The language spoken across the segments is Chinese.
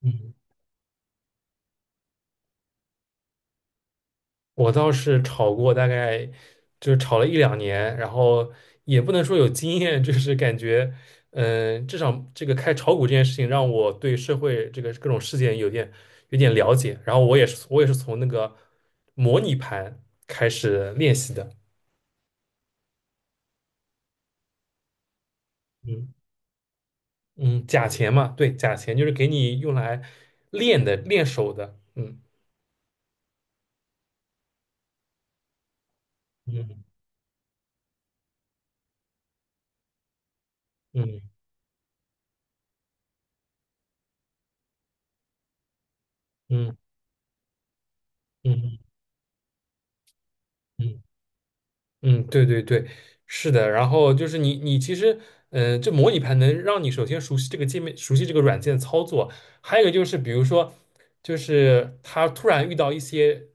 嗯，我倒是炒过，大概就是炒了一两年，然后也不能说有经验，就是感觉，至少这个开炒股这件事情让我对社会这个各种事件有点了解。然后我也是从那个模拟盘开始练习的。嗯嗯，假钱嘛，对，假钱就是给你用来练的，练手的。嗯嗯嗯嗯嗯嗯。嗯嗯，对对对，是的。然后就是你其实，这模拟盘能让你首先熟悉这个界面，熟悉这个软件操作。还有一个就是，比如说，就是他突然遇到一些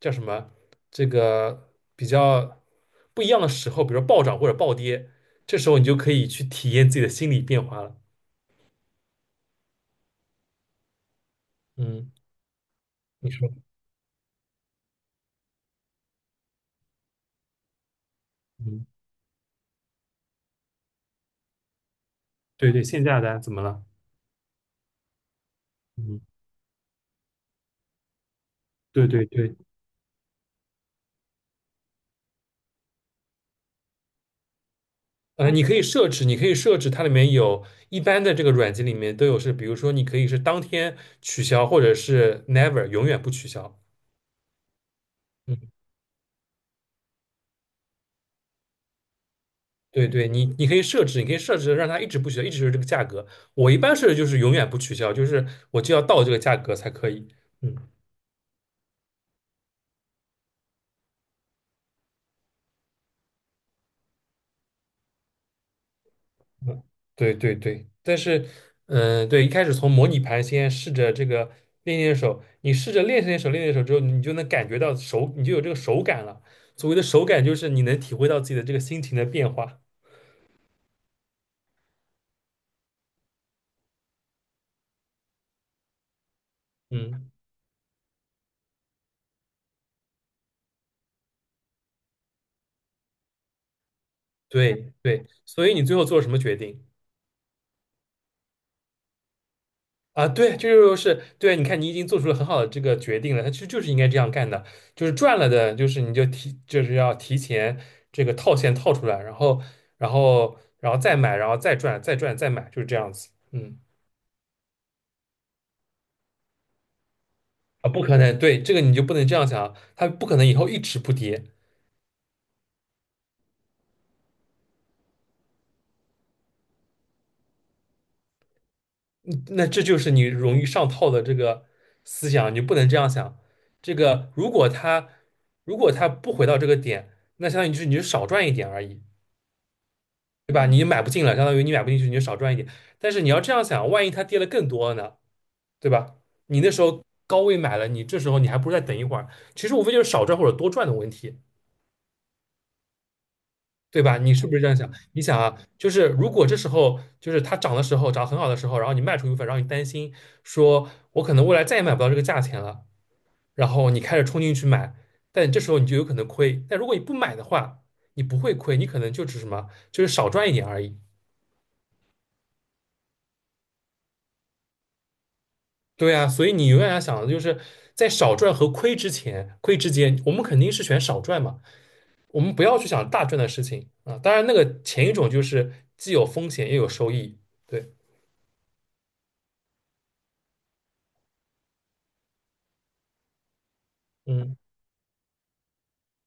叫什么，这个比较不一样的时候，比如说暴涨或者暴跌，这时候你就可以去体验自己的心理变化了。嗯，你说，嗯，对对，限价单怎么了？嗯，对对对。你可以设置，你可以设置它里面有一般的这个软件里面都有是，比如说你可以是当天取消，或者是 never 永远不取消。嗯，对对，你可以设置，你可以设置让它一直不取消，一直是这个价格。我一般设置就是永远不取消，就是我就要到这个价格才可以。嗯。嗯，对对对，但是，对，一开始从模拟盘先试着这个练练手，你试着练练手，练练手之后，你就能感觉到手，你就有这个手感了。所谓的手感，就是你能体会到自己的这个心情的变化。嗯，对对，所以你最后做了什么决定？啊，对，这就是对。你看，你已经做出了很好的这个决定了，他实就是应该这样干的，就是赚了的，就是你就提，就是要提前这个套现套出来，然后再买，然后再赚，再赚，再买，就是这样子。嗯，啊，不可能，对，这个你就不能这样想啊，它不可能以后一直不跌，嗯那这就是你容易上套的这个思想，你就不能这样想。这个如果它不回到这个点，那相当于就是你就少赚一点而已。对吧？你买不进了，相当于你买不进去，你就少赚一点。但是你要这样想，万一它跌了更多呢，对吧？你那时候高位买了，你这时候你还不如再等一会儿。其实无非就是少赚或者多赚的问题，对吧？你是不是这样想？你想啊，就是如果这时候就是它涨的时候，涨得很好的时候，然后你卖出一部分，然后你担心说，我可能未来再也买不到这个价钱了，然后你开始冲进去买，但这时候你就有可能亏。但如果你不买的话，你不会亏，你可能就只是什么，就是少赚一点而已。对啊，所以你永远要想的就是在少赚和亏之前，亏之间，我们肯定是选少赚嘛，我们不要去想大赚的事情啊。当然，那个前一种就是既有风险也有收益。对，嗯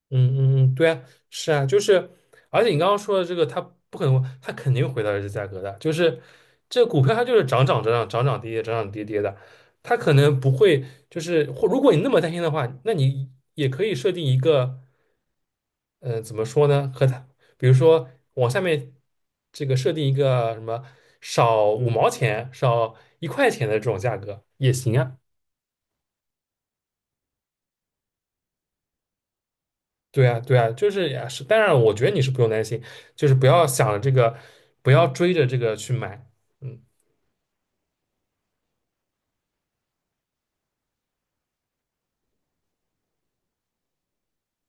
嗯嗯嗯，对啊，是啊，就是，而且你刚刚说的这个，它不可能，它肯定回到这个价格的，就是这股票它就是涨涨涨涨涨涨跌跌涨涨跌跌的，它可能不会就是，或如果你那么担心的话，那你也可以设定一个。怎么说呢？和他，比如说往下面这个设定一个什么少5毛钱、少1块钱的这种价格也行啊。对啊，对啊，就是呀，是。当然，我觉得你是不用担心，就是不要想这个，不要追着这个去买。嗯，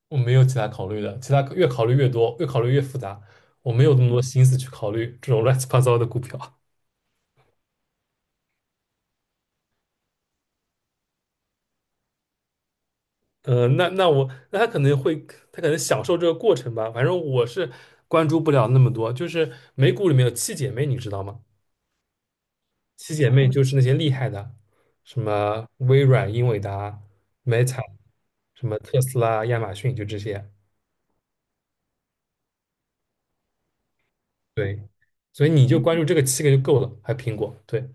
我没有其他考虑的，其他越考虑越多，越考虑越复杂，我没有那么多心思去考虑这种乱七八糟的股票。那他可能会，他可能享受这个过程吧。反正我是关注不了那么多。就是美股里面有七姐妹，你知道吗？七姐妹就是那些厉害的，什么微软、英伟达、Meta，什么特斯拉、亚马逊，就这些。对，所以你就关注这个七个就够了。还有苹果，对，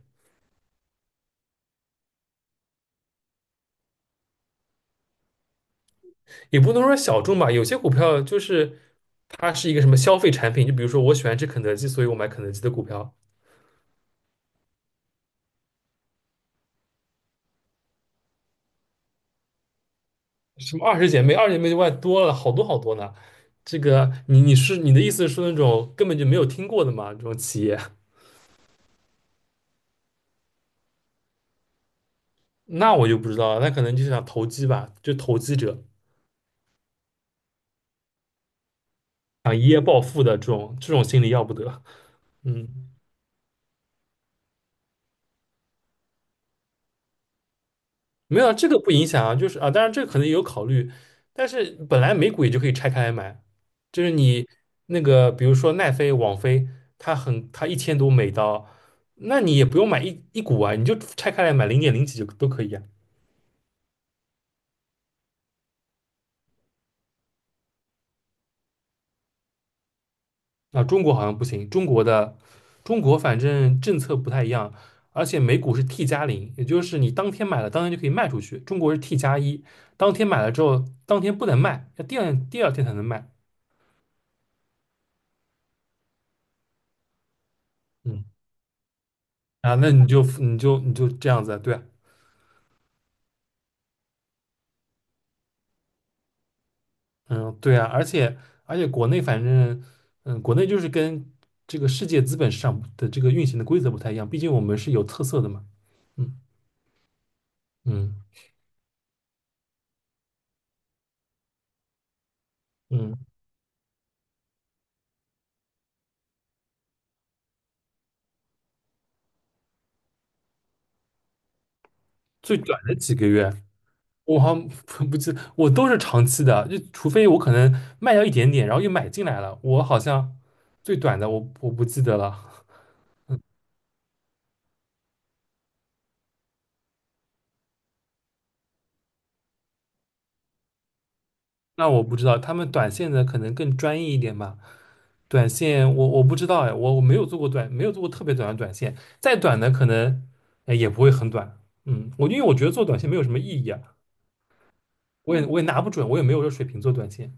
也不能说小众吧。有些股票就是它是一个什么消费产品，就比如说我喜欢吃肯德基，所以我买肯德基的股票；什么二十姐妹，二十姐妹就外多了好多好多呢。这个你的意思是那种根本就没有听过的嘛？这种企业，那我就不知道了，那可能就是想投机吧，就投机者啊，一夜暴富的这种这种心理要不得。嗯，没有啊，这个不影响啊，就是啊，当然这个可能也有考虑，但是本来美股也就可以拆开来买，就是你那个比如说奈飞、网飞，它很它1000多美刀，那你也不用买一股啊，你就拆开来买零点零几就都可以啊。啊，中国好像不行，中国反正政策不太一样，而且美股是 T+0，也就是你当天买了，当天就可以卖出去。中国是 T+1，当天买了之后，当天不能卖，要第二天才能卖。嗯，啊，那你就这样子啊，对啊，嗯，对啊，而且国内反正，国内就是跟这个世界资本市场的这个运行的规则不太一样，毕竟我们是有特色的嘛。嗯嗯嗯，最短的几个月。我好像不记，我都是长期的，就除非我可能卖掉一点点，然后又买进来了，我好像最短的我不记得了。那我不知道，他们短线的可能更专业一点吧。短线我不知道哎，我没有做过短，没有做过特别短的短线，再短的可能哎也不会很短。嗯，我因为我觉得做短线没有什么意义啊，我也拿不准，我也没有这水平做短线。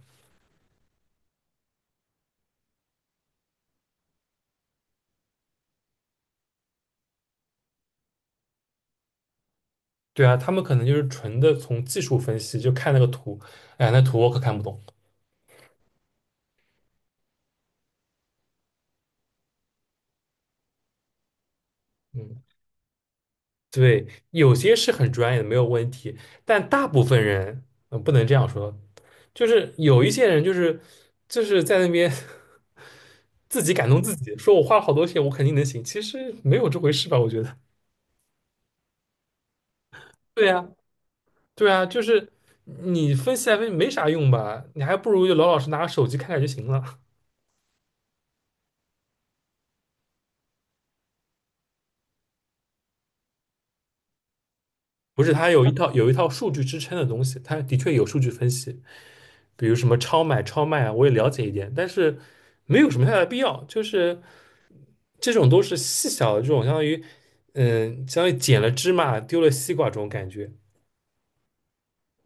对啊，他们可能就是纯的从技术分析，就看那个图，哎，那图我可看不懂。嗯。对，有些是很专业的，没有问题，但大部分人，嗯，不能这样说，就是有一些人，就是在那边 自己感动自己，说我花了好多钱，我肯定能行，其实没有这回事吧？我觉得。对呀，对啊，就是你分析来分析没啥用吧？你还不如就老老实拿个手机看看就行了。不是，它有一套数据支撑的东西，它的确有数据分析，比如什么超买、超卖啊，我也了解一点，但是没有什么太大的必要，就是。这种都是细小的这种，相当于，嗯，相当于捡了芝麻丢了西瓜这种感觉，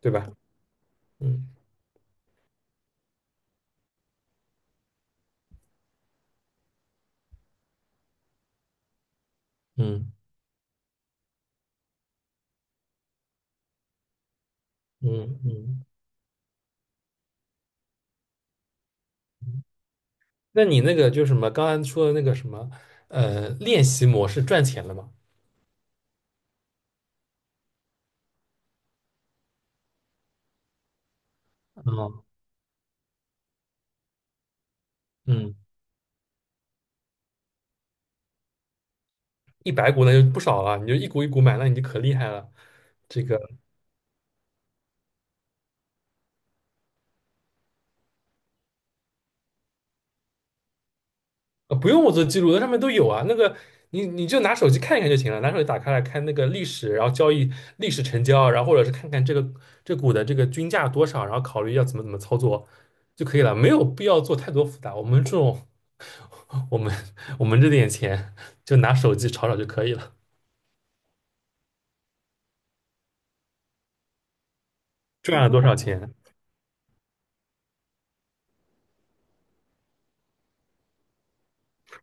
对吧？嗯嗯嗯嗯。那你那个就是什么，刚才说的那个什么，练习模式赚钱了吗？嗯嗯，100股那就不少了，你就一股一股买，那你就可厉害了。这个。不用我做记录，那上面都有啊。那个你就拿手机看一看就行了，拿手机打开来看那个历史，然后交易历史成交，然后或者是看看这个这股的这个均价多少，然后考虑要怎么操作就可以了，没有必要做太多复杂。我们我们这点钱就拿手机炒炒就可以了，赚了多少钱，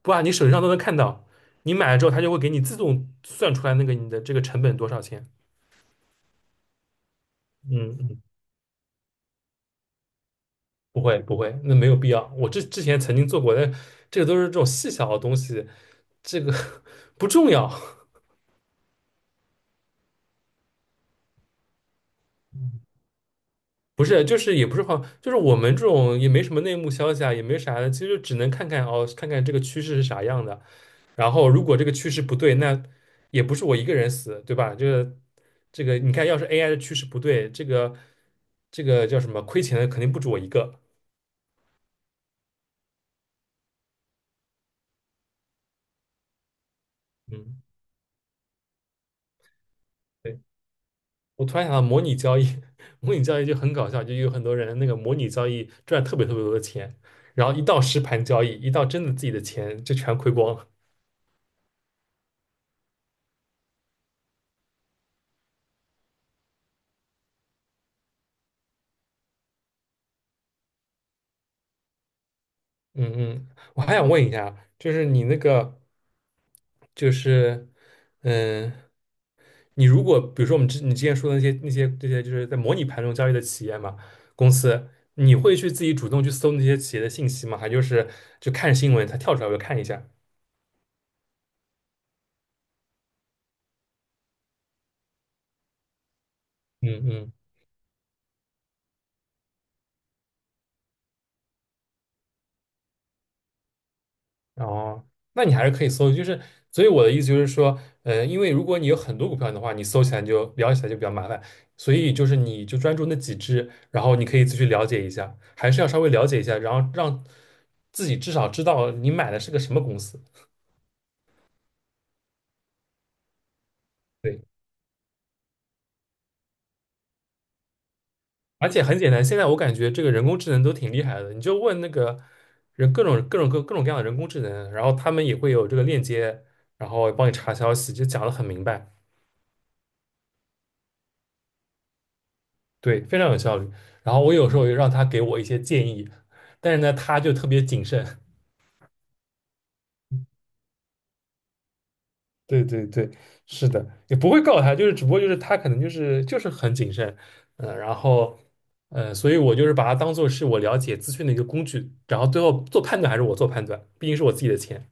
不啊，你手机上都能看到，你买了之后它就会给你自动算出来那个你的这个成本多少钱。嗯，不会不会，那没有必要。我之前曾经做过，但这个都是这种细小的东西，这个 不重要。不是，就是也不是话，就是我们这种也没什么内幕消息啊，也没啥的，其实就只能看看哦，看看这个趋势是啥样的。然后如果这个趋势不对，那也不是我一个人死，对吧？这个，你看，要是 AI 的趋势不对，这个叫什么亏钱的肯定不止我一个。嗯，对。我突然想到模拟交易，模拟交易就很搞笑，就有很多人那个模拟交易赚特别特别多的钱，然后一到实盘交易，一到真的自己的钱就全亏光了。嗯嗯，我还想问一下，就是你那个，就是嗯，你如果比如说我们之你之前说的那些这些就是在模拟盘中交易的企业嘛，公司，你会去自己主动去搜那些企业的信息吗？还就是就看新闻它跳出来我就看一下？嗯嗯，哦，那你还是可以搜，就是所以我的意思就是说，因为如果你有很多股票的话，你搜起来就聊起来就比较麻烦，所以就是你就专注那几只，然后你可以自己去了解一下，还是要稍微了解一下，然后让自己至少知道你买的是个什么公司。对，而且很简单，现在我感觉这个人工智能都挺厉害的，你就问那个人各种各样的人工智能，然后他们也会有这个链接，然后帮你查消息，就讲得很明白。对，非常有效率。然后我有时候也让他给我一些建议，但是呢，他就特别谨慎。对对对，是的，也不会告他，就是只不过就是他可能就是很谨慎，然后所以我就是把它当做是我了解资讯的一个工具，然后最后做判断还是我做判断，毕竟是我自己的钱。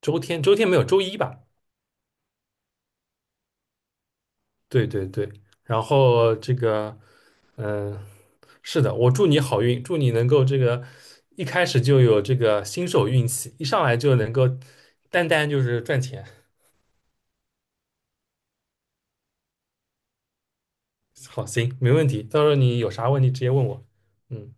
周天没有周一吧？对对对，然后这个，嗯、是的，我祝你好运，祝你能够这个一开始就有这个新手运气，一上来就能够单单就是赚钱。好，行，没问题，到时候你有啥问题直接问我。嗯。